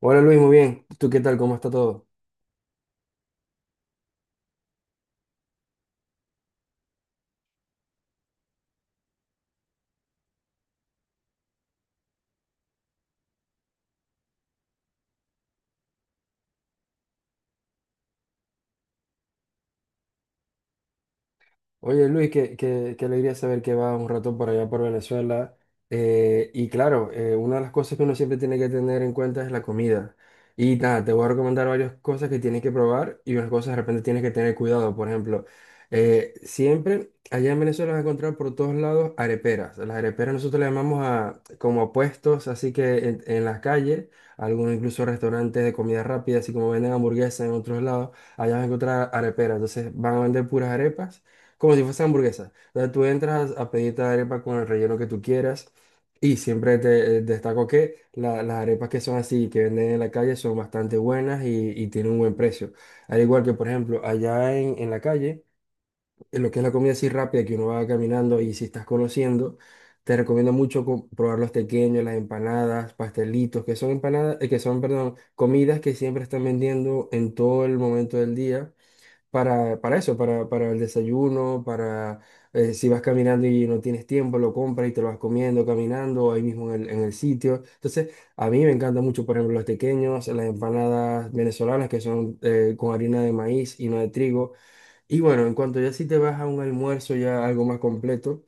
Hola Luis, muy bien. ¿Tú qué tal? ¿Cómo está todo? Oye, Luis, qué alegría saber que vas un rato por allá por Venezuela. Y claro, una de las cosas que uno siempre tiene que tener en cuenta es la comida. Y nada, te voy a recomendar varias cosas que tienes que probar y unas cosas de repente tienes que tener cuidado. Por ejemplo, siempre allá en Venezuela vas a encontrar por todos lados areperas. Las areperas nosotros le llamamos a, como a puestos, así que en las calles, algunos incluso restaurantes de comida rápida, así como venden hamburguesas en otros lados, allá vas a encontrar areperas. Entonces van a vender puras arepas como si fuese hamburguesa. O sea, tú entras a pedirte arepa con el relleno que tú quieras y siempre te destaco que las arepas que son así, que venden en la calle, son bastante buenas y tienen un buen precio. Al igual que, por ejemplo, allá en la calle, en lo que es la comida así rápida que uno va caminando y si estás conociendo, te recomiendo mucho probar los tequeños, las empanadas, pastelitos, que son empanadas, que son, perdón, comidas que siempre están vendiendo en todo el momento del día para eso, para el desayuno, para si vas caminando y no tienes tiempo, lo compras y te lo vas comiendo caminando ahí mismo en en el sitio. Entonces, a mí me encantan mucho, por ejemplo, los tequeños, las empanadas venezolanas que son con harina de maíz y no de trigo. Y bueno, en cuanto ya si te vas a un almuerzo ya algo más completo,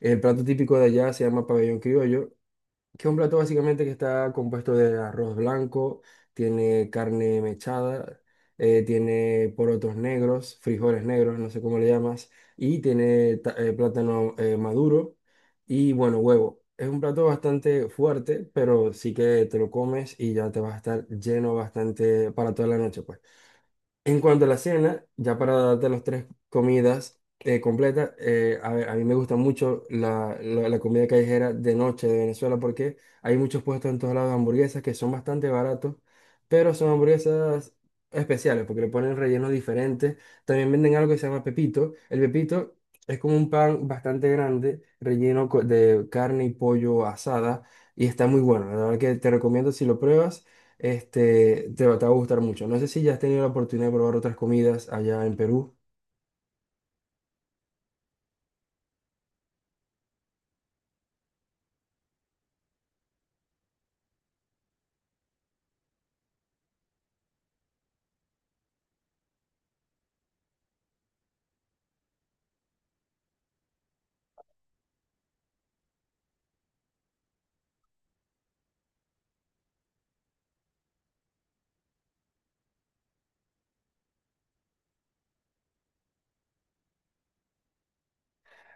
el plato típico de allá se llama pabellón criollo, que es un plato básicamente que está compuesto de arroz blanco, tiene carne mechada, tiene porotos negros, frijoles negros, no sé cómo le llamas, y tiene plátano maduro y bueno, huevo. Es un plato bastante fuerte, pero sí que te lo comes y ya te vas a estar lleno bastante para toda la noche, pues. En cuanto a la cena, ya para darte las tres comidas completas, a ver, a mí me gusta mucho la comida callejera de noche de Venezuela porque hay muchos puestos en todos lados de hamburguesas que son bastante baratos, pero son hamburguesas especiales porque le ponen rellenos diferentes. También venden algo que se llama pepito. El pepito es como un pan bastante grande, de carne y pollo asada y está muy bueno. La verdad que te recomiendo si lo pruebas. Este, te va a gustar mucho. No sé si ya has tenido la oportunidad de probar otras comidas allá en Perú.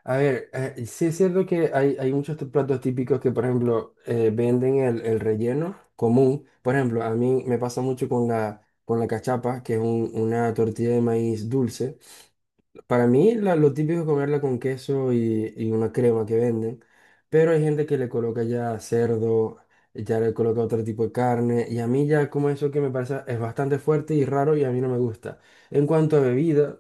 A ver, sí es cierto que hay muchos platos típicos que, por ejemplo, venden el relleno común. Por ejemplo, a mí me pasa mucho con con la cachapa, que es una tortilla de maíz dulce. Para mí, lo típico es comerla con queso y una crema que venden, pero hay gente que le coloca ya cerdo, ya le coloca otro tipo de carne, y a mí ya como eso que me parece es bastante fuerte y raro y a mí no me gusta. En cuanto a bebidas,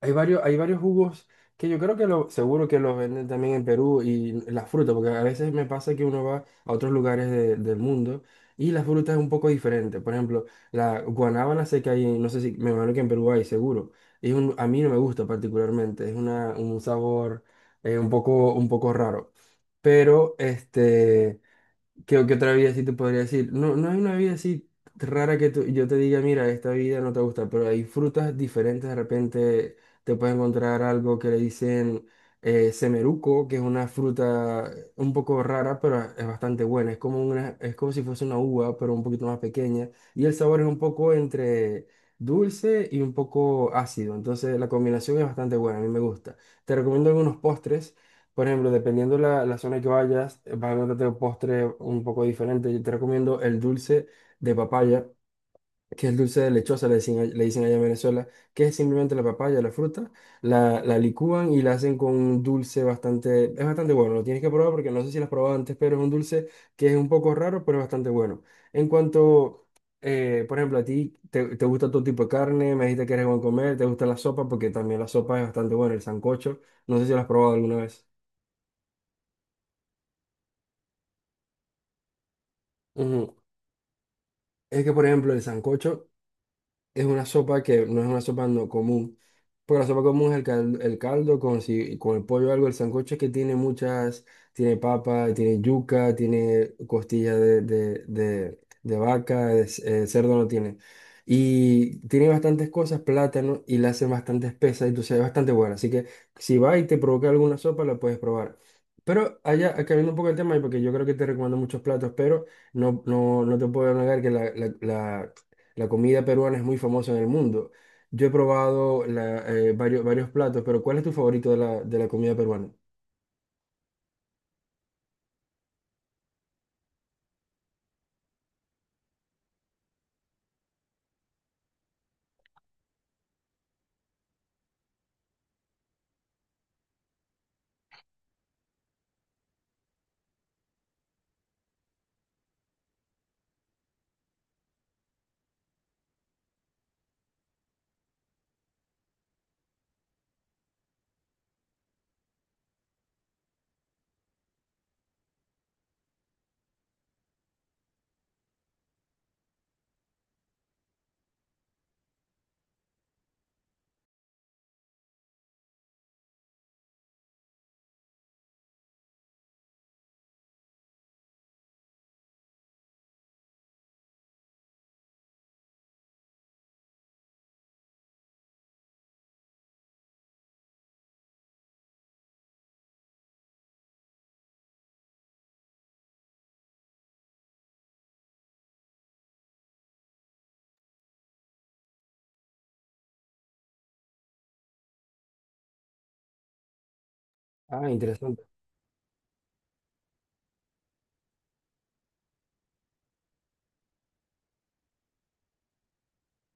hay varios jugos que yo creo que seguro que los venden también en Perú y las frutas porque a veces me pasa que uno va a otros lugares del mundo y la fruta es un poco diferente. Por ejemplo, la guanábana sé que hay, no sé si, me imagino que en Perú hay, seguro. Es un, a mí no me gusta particularmente, es una, un sabor un poco raro. Pero este, ¿qué, qué otra vida sí te podría decir? No, no hay una vida así rara que yo te diga, mira, esta vida no te gusta, pero hay frutas diferentes. De repente te puedes encontrar algo que le dicen semeruco, que es una fruta un poco rara, pero es bastante buena. Es como una, es como si fuese una uva, pero un poquito más pequeña. Y el sabor es un poco entre dulce y un poco ácido. Entonces la combinación es bastante buena, a mí me gusta. Te recomiendo algunos postres. Por ejemplo, dependiendo la zona que vayas, vas a encontrarte un postre un poco diferente. Yo te recomiendo el dulce de papaya, que es el dulce de lechosa, le dicen, le dicen allá en Venezuela, que es simplemente la papaya, la fruta, la licúan y la hacen con un dulce bastante, es bastante bueno. Lo tienes que probar porque no sé si lo has probado antes, pero es un dulce que es un poco raro, pero es bastante bueno. En cuanto, por ejemplo, a ti, te gusta todo tipo de carne, me dijiste que eres buen comer, te gusta la sopa, porque también la sopa es bastante buena, el sancocho, no sé si lo has probado alguna vez. Ujú. Es que, por ejemplo, el sancocho es una sopa que no es una sopa no común. Porque la sopa común es el caldo con, si, con el pollo o algo. El sancocho es que tiene muchas, tiene papa, tiene yuca, tiene costilla de vaca, cerdo no tiene. Y tiene bastantes cosas, plátano, y la hace bastante espesa, entonces es bastante buena. Así que si va y te provoca alguna sopa, la puedes probar. Pero allá, cambiando un poco el tema, y porque yo creo que te recomiendo muchos platos, pero... No, no, no te puedo negar que la, la comida peruana es muy famosa en el mundo. Yo he probado varios platos, pero ¿cuál es tu favorito de de la comida peruana? Ah, interesante.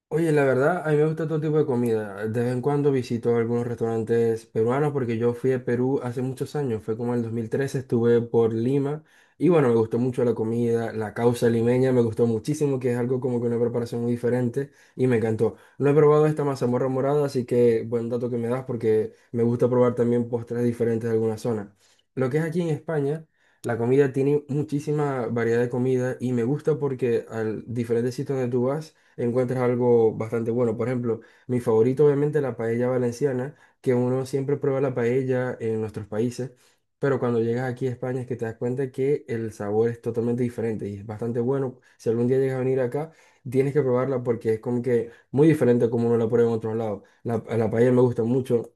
Oye, la verdad, a mí me gusta todo tipo de comida. De vez en cuando visito algunos restaurantes peruanos porque yo fui a Perú hace muchos años, fue como en el 2013. Estuve por Lima y bueno, me gustó mucho la comida, la causa limeña me gustó muchísimo, que es algo como que una preparación muy diferente y me encantó. No he probado esta mazamorra morada, así que buen dato que me das porque me gusta probar también postres diferentes de alguna zona. Lo que es aquí en España, la comida tiene muchísima variedad de comida y me gusta porque al diferentes sitios donde tú vas, encuentras algo bastante bueno. Por ejemplo, mi favorito obviamente es la paella valenciana, que uno siempre prueba la paella en nuestros países, pero cuando llegas aquí a España es que te das cuenta que el sabor es totalmente diferente y es bastante bueno. Si algún día llegas a venir acá, tienes que probarla porque es como que muy diferente a como uno la prueba en otros lados. A la paella me gusta mucho.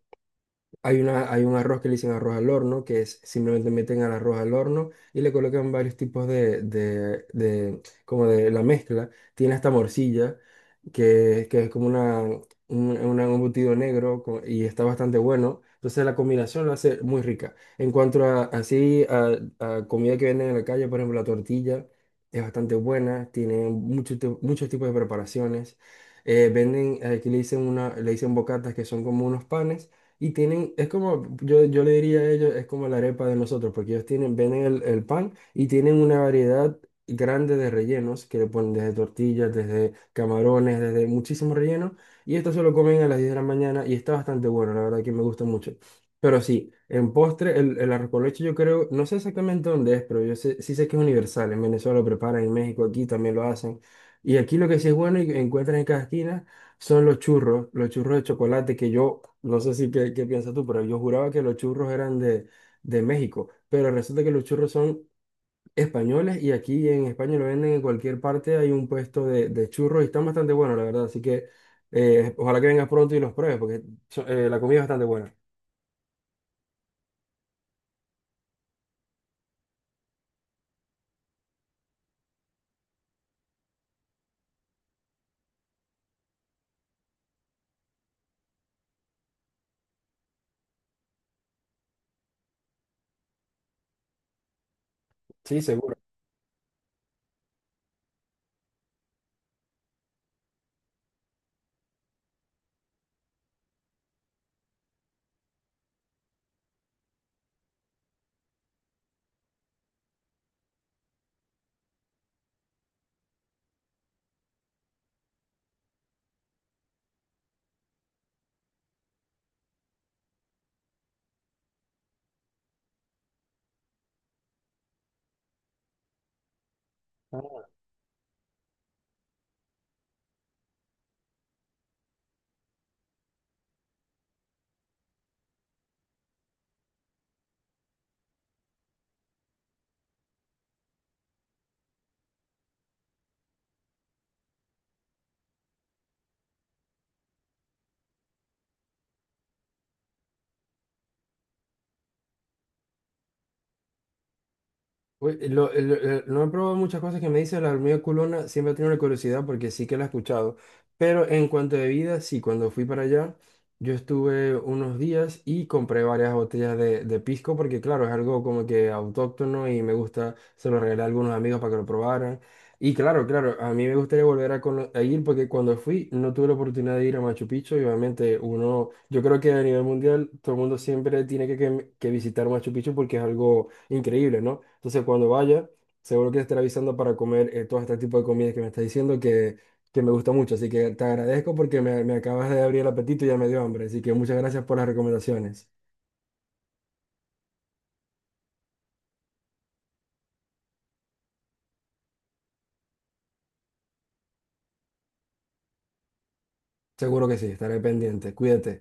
Hay un arroz que le dicen arroz al horno, que es simplemente meten al arroz al horno y le colocan varios tipos como de la mezcla. Tiene hasta morcilla, que es como una, un embutido y está bastante bueno. Entonces la combinación lo hace muy rica. En cuanto a así, a comida que venden en la calle, por ejemplo, la tortilla es bastante buena, tiene muchos tipos de preparaciones. Venden, aquí le dicen, una, le dicen bocatas que son como unos panes y tienen, es como, yo le diría a ellos, es como la arepa de nosotros, porque ellos tienen, venden el pan y tienen una variedad grande de rellenos que le ponen desde tortillas, desde camarones, desde muchísimos rellenos. Y esto se lo comen a las 10 de la mañana y está bastante bueno, la verdad que me gusta mucho. Pero sí, en postre, el arroz con leche yo creo, no sé exactamente dónde es, pero yo sé, sí sé que es universal. En Venezuela lo preparan, en México aquí también lo hacen. Y aquí lo que sí es bueno y que encuentran en cada esquina son los churros de chocolate que yo, no sé si qué, qué piensas tú, pero yo juraba que los churros eran de México, pero resulta que los churros son españoles y aquí en España lo venden en cualquier parte, hay un puesto de churros y están bastante buenos, la verdad, así que ojalá que vengas pronto y los pruebes, porque la comida es bastante buena. Sí, seguro. Uy, no he probado muchas cosas que me dice la hormiga culona, siempre he tenido la curiosidad porque sí que la he escuchado, pero en cuanto a bebidas, sí, cuando fui para allá, yo estuve unos días y compré varias botellas de pisco porque claro, es algo como que autóctono y me gusta, se lo regalé a algunos amigos para que lo probaran. Y claro, claro, a mí me gustaría volver a, a ir porque cuando fui no tuve la oportunidad de ir a Machu Picchu y obviamente uno, yo creo que a nivel mundial todo el mundo siempre tiene que visitar Machu Picchu porque es algo increíble, ¿no? Entonces, cuando vaya, seguro que te estaré avisando para comer todo este tipo de comidas que me estás diciendo que me gusta mucho. Así que te agradezco porque me acabas de abrir el apetito y ya me dio hambre. Así que muchas gracias por las recomendaciones. Seguro que sí, estaré pendiente. Cuídate.